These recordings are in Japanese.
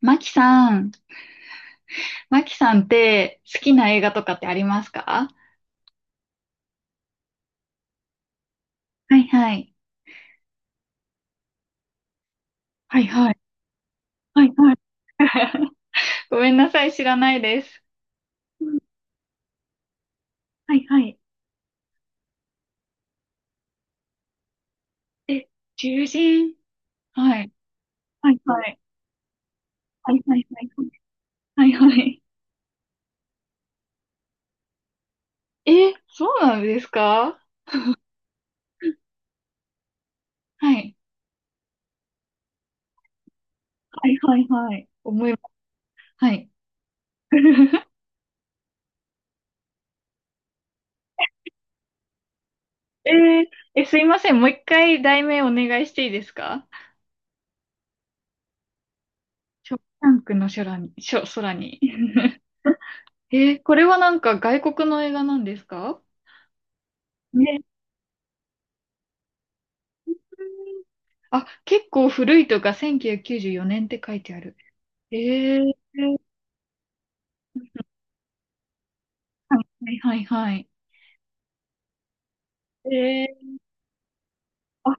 マキさん、マキさんって好きな映画とかってありますか？はいはい。はいはい。はいはい。ごめんなさい、知らないです。うん。はいはい。え、獣人。はい。はいはい。はいはいはいはい。はいはい。え、そうなんですか？はい。はいはいはい。思います。はい。えーえ、すいません。もう一回題名お願いしていいですか？ショーシャンクの空に、空に。これはなんか外国の映画なんですか？ね。あ、結構古いとか1994年って書いてある。えー、はいはいはい。えー、あ、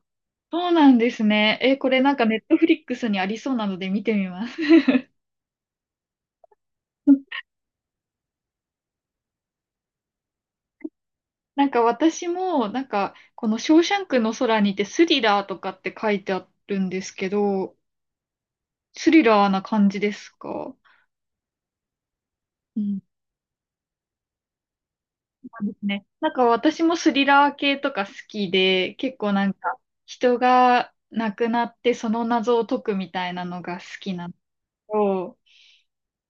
そうなんですね。これなんかネットフリックスにありそうなので見てみます。なんか私も、なんかこのショーシャンクの空にてスリラーとかって書いてあるんですけど、スリラーな感じですか？うん。そうですね。なんか私もスリラー系とか好きで、結構なんか人が亡くなってその謎を解くみたいなのが好きなのと、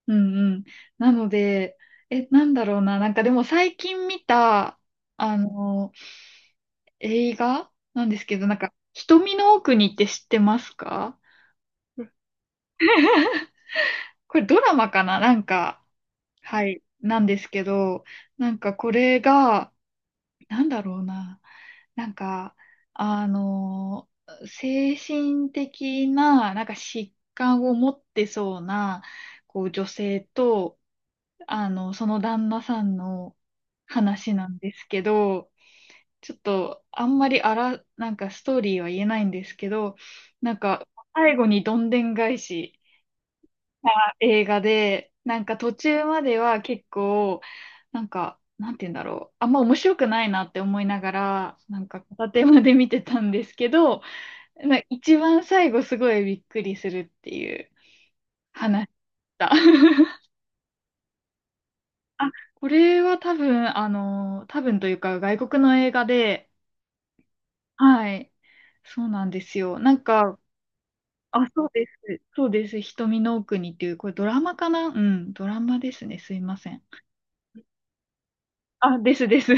うんうん。なので、え、なんだろうな。なんかでも最近見た、あの、映画なんですけど、なんか瞳の奥にって知ってますか？これドラマかな、なんか、はい、なんですけど、なんかこれが、なんだろうな。なんか、あの精神的な、なんか疾患を持ってそうな、こう、女性と、その旦那さんの話なんですけど、ちょっと、あんまりなんかストーリーは言えないんですけど、なんか、最後にどんでん返し映画で、なんか途中までは結構、なんか、なんて言うんだろう。あんま面白くないなって思いながら、なんか片手まで見てたんですけど、まあ一番最後すごいびっくりするっていう話でした。あ、これは多分、多分というか外国の映画で、はい。そうなんですよ。なんか、あ、そうです。そうです。瞳の奥にっていう、これドラマかな、うん、ドラマですね。すいません。あ、ですです。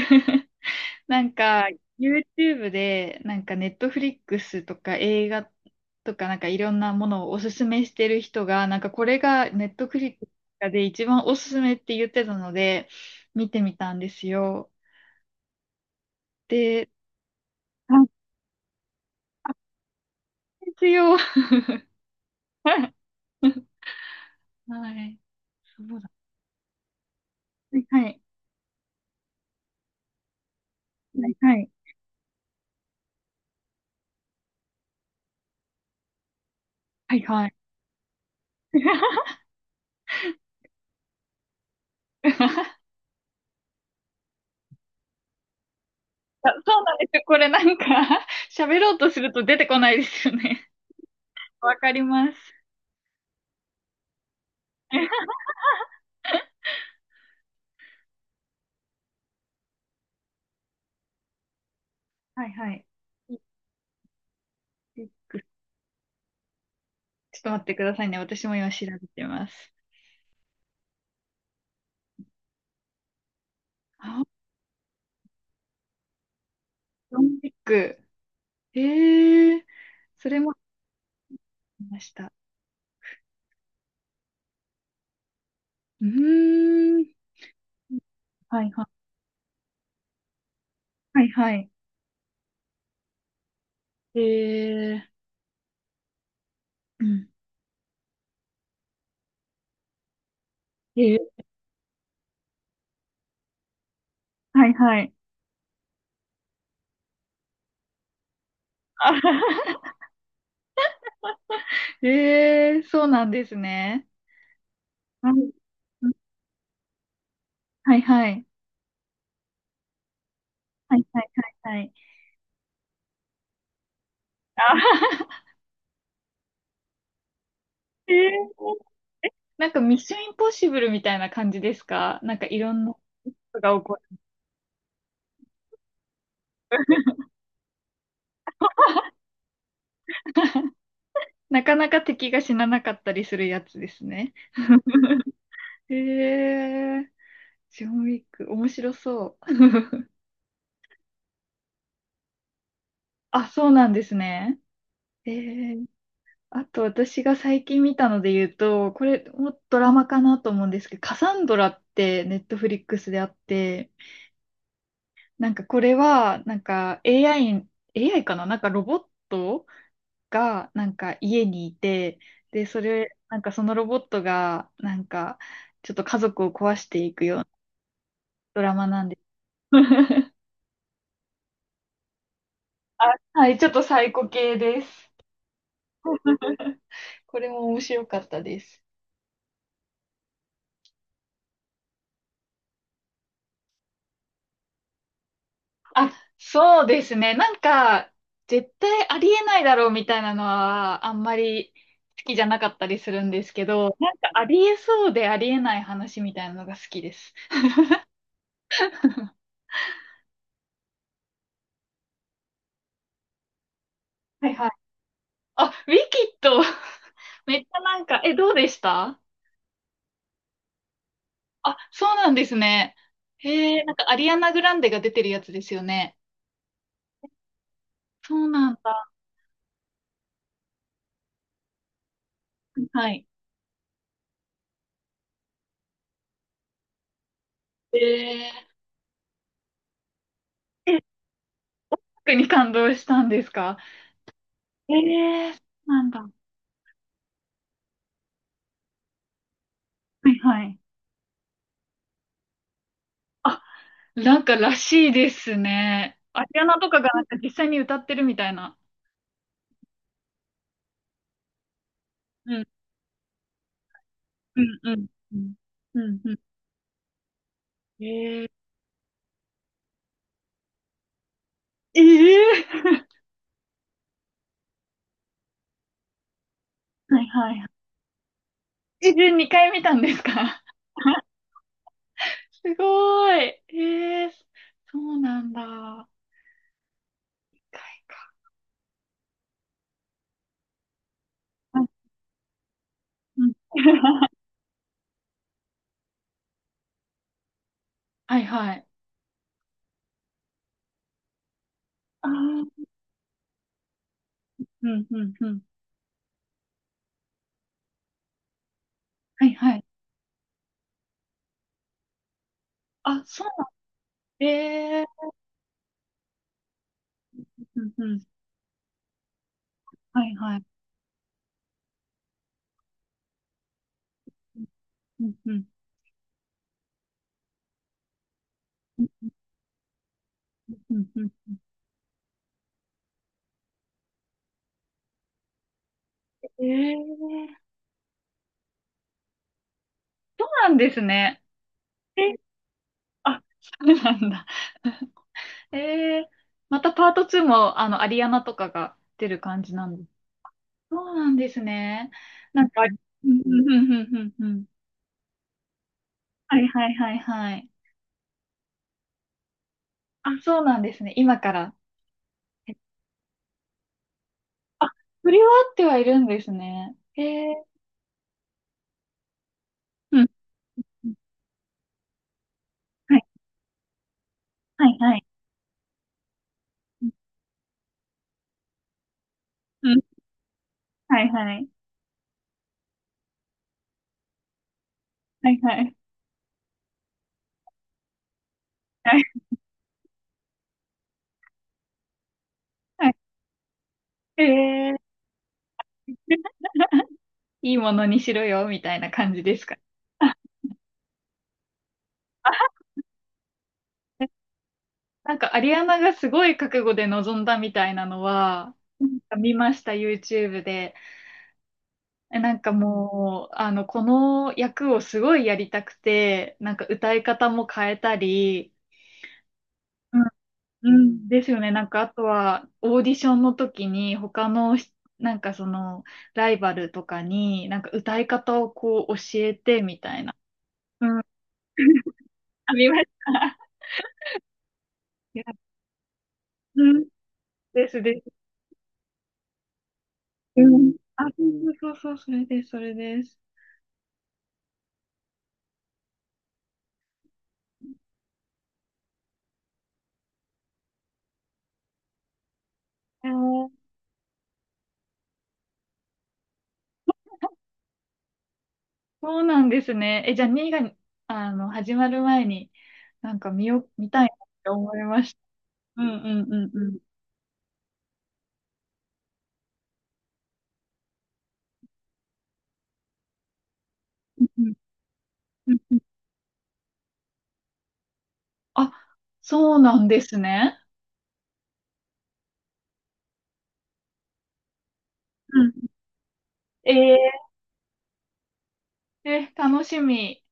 なんか、YouTube で、なんか Netflix とか映画とか、なんかいろんなものをおすすめしてる人が、なんかこれが Netflix で一番おすすめって言ってたので、見てみたんですよ。で、あ、あですよ。はい。そうだ。はいはい。はいはい。はいはい。あ、そうなんですよ。これなんか 喋ろうとすると出てこないですよね。わかります。はいはい。ちょっと待ってくださいね。私も今調べてます。あ、ドンピック。ええ、それもありました。うーん。はいはい。はいはい。ええ。うん。ええ。はいはい。あはは。ええ、そうなんですね。はい。うん。はいはい。はいはいはいはい。あ、ええ、なんかミッションインポッシブルみたいな感じですか？なんかいろんなことが起こる。なかなか敵が死ななかったりするやつですね。へえ。ジョンウィック、面白そう。あ、そうなんですね。えー、あと私が最近見たので言うと、これもドラマかなと思うんですけど、カサンドラってネットフリックスであって、なんかこれは、なんか AI、AI かな、なんかロボットがなんか家にいて、で、それ、なんかそのロボットが、なんかちょっと家族を壊していくようなドラマなんです。はい、ちょっとサイコ系です。これも面白かったです。あ、そうですね。なんか、絶対ありえないだろうみたいなのは、あんまり好きじゃなかったりするんですけど、なんかありえそうでありえない話みたいなのが好きです。はいはい。あ、ウィキッド、めっちゃなんか、え、どうでした？あ、そうなんですね。へえ、なんかアリアナ・グランデが出てるやつですよね。そうなんだ。はい。えー、え、特に感動したんですか？えー、そうなんだ。はいはい。なんからしいですね。アリアナとかがなんか実際に歌ってるみたいな。うん、うん、うん、うん、うん。うん。えー、えー、はいはいはい。えー、2回見たんですか？ すごい。えー、そうなんだ。一回か。うんうん。 はいはい。ああ、うん、うん、うん。はいはい。あ、そうなんだ。えー、うん、うん。はいはい。うん、うん、うん、うん。うん。えー、そうなんですね。えー、あ、そうなんだ。ええ、またパート2も、アリアナとかが出る感じなんです。そうなんですね。なんか、うんうんうんうんうんうん。はいはいはいはい。あ、そうなんですね。今から。え、あ、振り終わってはいるんですね。へえ。うん。うん。はいはいはい。うん。はいはい。はいはい。はいはい。へえ。いいものにしろよ、みたいな感じですか。あ、なんかアリアナがすごい覚悟で臨んだみたいなのは、なんか見ました、YouTube で。え、なんかもう、この役をすごいやりたくて、なんか歌い方も変えたり、うん。うんですよね。なんかあとは、オーディションの時に他のし、なんかその、ライバルとかに、なんか歌い方をこう教えてみたいな。うん。あ、見ました。いや、うん。ですです。うん。あ、そうそうそう、それです、それです。えー、そうなんですね。え、じゃあ、2が、始まる前に、なんか見よ、見たいなって思いました。うんうんうんうん。うんうんうん。あ、そうなんですね。うん。えー、え、楽しみ。